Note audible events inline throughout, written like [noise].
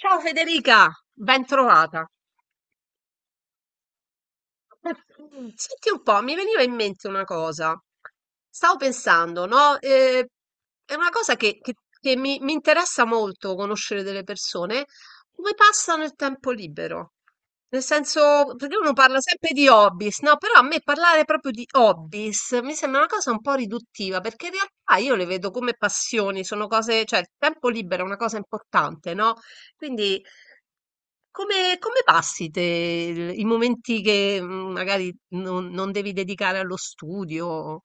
Ciao Federica, ben trovata. [laughs] Senti un po', mi veniva in mente una cosa. Stavo pensando, no? È una cosa che mi interessa molto conoscere delle persone, come passano il tempo libero. Nel senso, perché uno parla sempre di hobbies, no? Però a me parlare proprio di hobbies mi sembra una cosa un po' riduttiva, perché in realtà io le vedo come passioni, sono cose, cioè il tempo libero è una cosa importante, no? Quindi come passi te il i momenti che, magari non devi dedicare allo studio?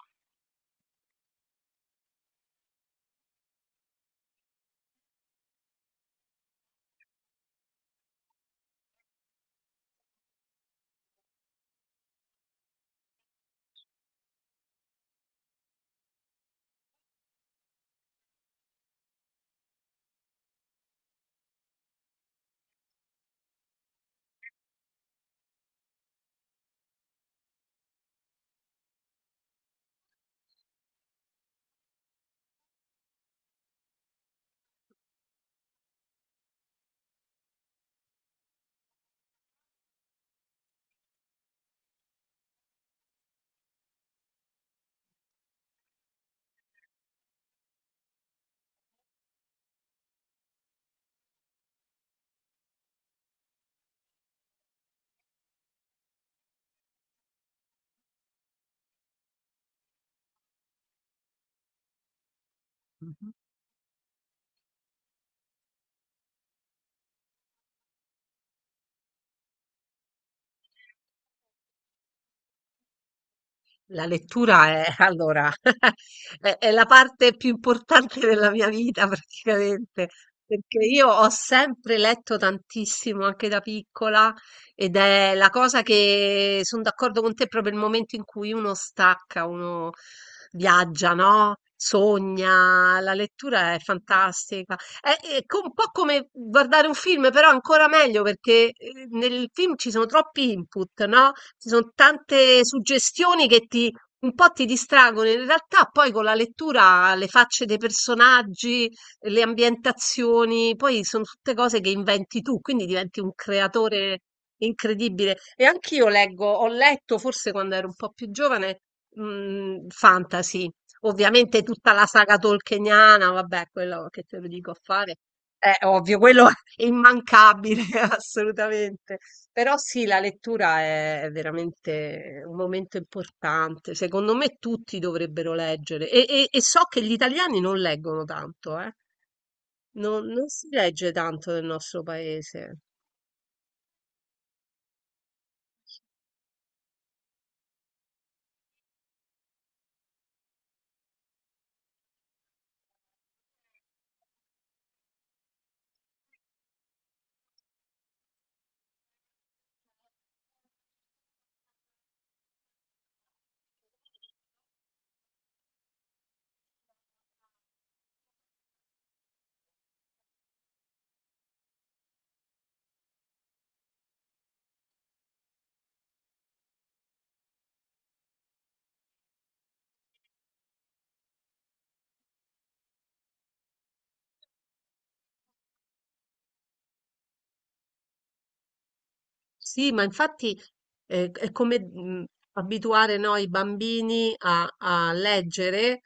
Mh-mh. La lettura è [laughs] allora, [laughs] è la parte più importante della mia vita [laughs] praticamente, perché io ho sempre letto tantissimo anche da piccola ed è la cosa che son d'accordo con te, proprio il momento in cui uno stacca, uno viaggia, no, sogna. La lettura è fantastica. Un po' come guardare un film, però ancora meglio perché nel film ci sono troppi input, no? Ci sono tante suggestioni che ti un po' ti distraggono. In realtà poi con la lettura le facce dei personaggi, le ambientazioni, poi sono tutte cose che inventi tu, quindi diventi un creatore incredibile. E anch'io leggo, ho letto forse quando ero un po' più giovane, fantasy. Ovviamente tutta la saga tolkieniana, vabbè, quello che te lo dico a fare, è ovvio, quello è immancabile, [laughs] assolutamente. Però sì, la lettura è veramente un momento importante. Secondo me tutti dovrebbero leggere. E, e so che gli italiani non leggono tanto, eh. Non si legge tanto nel nostro paese. Sì, ma infatti è come abituare noi i bambini a, a leggere.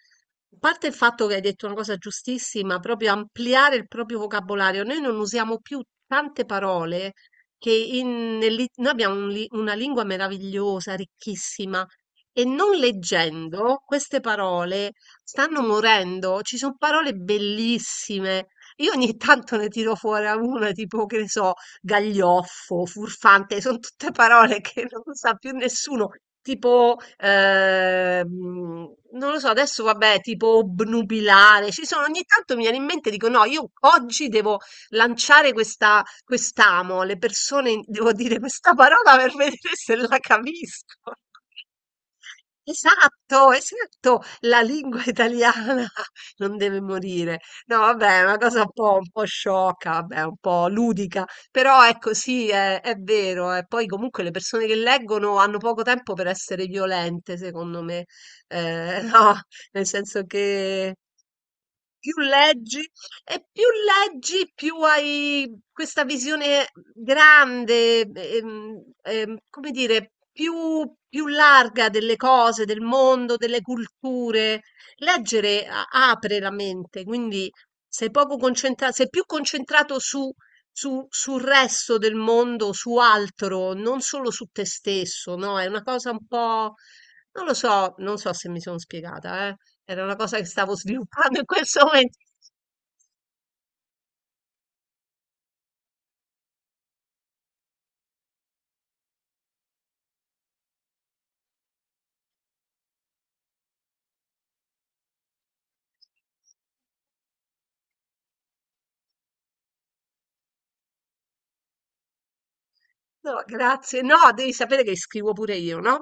A parte il fatto che hai detto una cosa giustissima, proprio ampliare il proprio vocabolario. Noi non usiamo più tante parole che noi abbiamo una lingua meravigliosa, ricchissima, e non leggendo queste parole stanno morendo. Ci sono parole bellissime. Io ogni tanto ne tiro fuori a una, tipo, che ne so, gaglioffo, furfante, sono tutte parole che non sa più nessuno. Tipo, non lo so, adesso vabbè, tipo obnubilare, ci sono, ogni tanto mi viene in mente, dico no, io oggi devo lanciare questa, quest'amo, alle persone devo dire questa parola per vedere se la capisco. Esatto, esatto, la lingua italiana [laughs] non deve morire. No, vabbè, è una cosa un po' sciocca, vabbè, un po' ludica, però ecco, sì, è vero. E poi comunque le persone che leggono hanno poco tempo per essere violente, secondo me. [laughs] No, nel senso che più leggi, e più leggi, più hai questa visione grande, come dire, più larga delle cose, del mondo, delle culture. Leggere apre la mente, quindi sei poco concentrato, sei più concentrato sul resto del mondo, su altro, non solo su te stesso, no? È una cosa un po', non lo so, non so se mi sono spiegata, eh. Era una cosa che stavo [laughs] sviluppando in questo momento. No, grazie. No, devi sapere che scrivo pure io, no?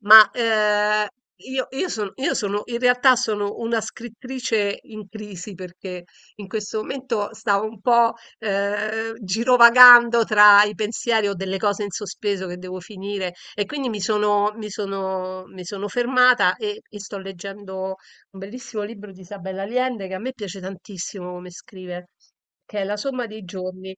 Ma io sono, in realtà sono una scrittrice in crisi perché in questo momento stavo un po' girovagando tra i pensieri o delle cose in sospeso che devo finire e quindi mi sono fermata e sto leggendo un bellissimo libro di Isabella Allende che a me piace tantissimo come scrive, che è La somma dei giorni.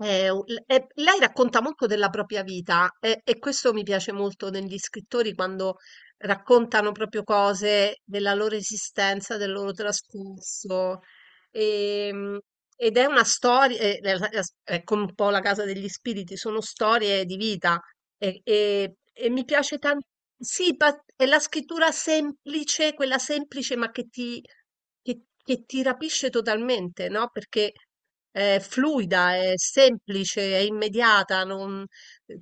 E lei racconta molto della propria vita e questo mi piace molto negli scrittori quando raccontano proprio cose della loro esistenza, del loro trascorso. Ehm, ed è una storia, è come un po' la casa degli spiriti, sono storie di vita e, e mi piace tanto. Sì, è la scrittura semplice, quella semplice ma che ti, che ti rapisce totalmente, no? Perché è fluida, è semplice, è immediata, non-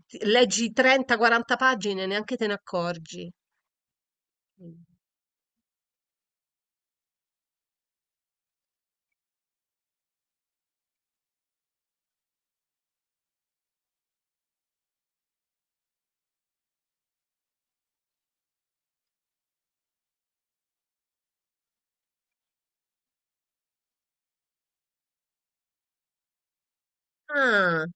ti- leggi 30-40 pagine, e neanche te ne accorgi. Ah.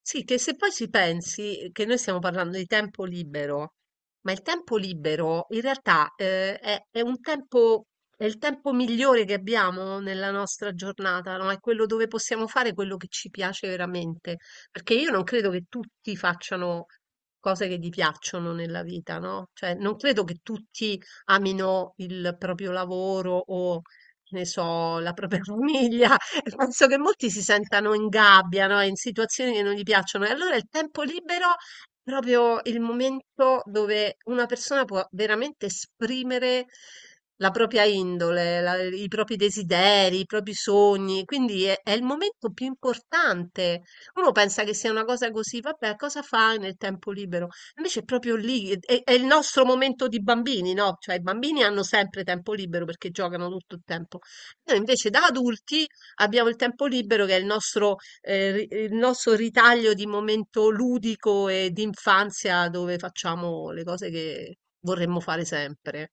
Sì, che se poi ci pensi che noi stiamo parlando di tempo libero, ma il tempo libero in realtà è un tempo, è il tempo migliore che abbiamo nella nostra giornata, no? È quello dove possiamo fare quello che ci piace veramente. Perché io non credo che tutti facciano cose che gli piacciono nella vita, no? Cioè, non credo che tutti amino il proprio lavoro o, che ne so, la propria [laughs] famiglia. [laughs] Penso che molti si sentano in gabbia, no? In situazioni che non gli piacciono. E allora il tempo libero è proprio il momento dove una persona può veramente esprimere la propria indole, i propri desideri, i propri sogni. Quindi è il momento più importante. Uno pensa che sia una cosa così, vabbè, cosa fai nel tempo libero? Invece è proprio lì, è il nostro momento di bambini, no? Cioè i bambini hanno sempre tempo libero perché giocano tutto il tempo. Noi invece da adulti abbiamo il tempo libero che è il nostro, il nostro ritaglio di momento ludico e di infanzia dove facciamo le cose che vorremmo fare sempre.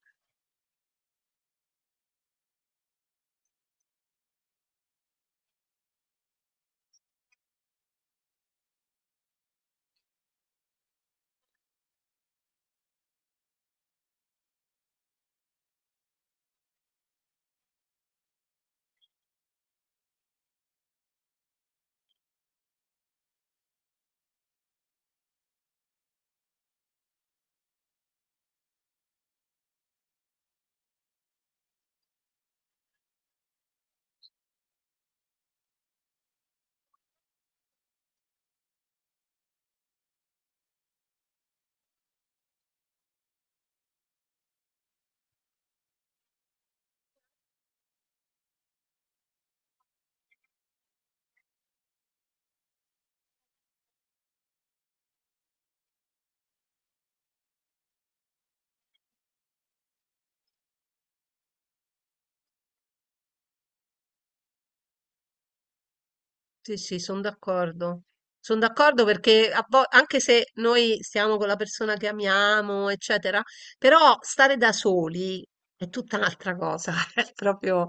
Sì, sì, sono d'accordo. Sono d'accordo perché anche se noi stiamo con la persona che amiamo, eccetera, però stare da soli è tutta un'altra cosa. [laughs] È proprio,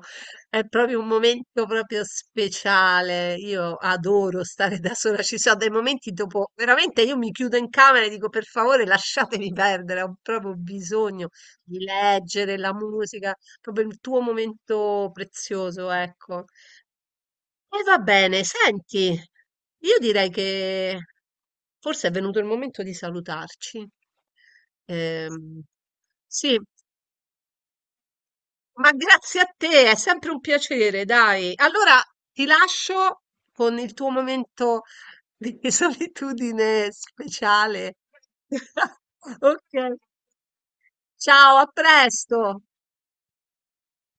è proprio un momento proprio speciale. Io adoro stare da sola. Ci sono dei momenti dopo, veramente io mi chiudo in camera e dico per favore lasciatemi perdere, ho proprio bisogno di leggere la musica, proprio il tuo momento prezioso, ecco. E va bene, senti, io direi che forse è venuto il momento di salutarci. Ehm, sì, ma grazie a te, è sempre un piacere, dai. Allora ti lascio con il tuo momento di [laughs] solitudine speciale. [laughs] Ok, ciao, a presto.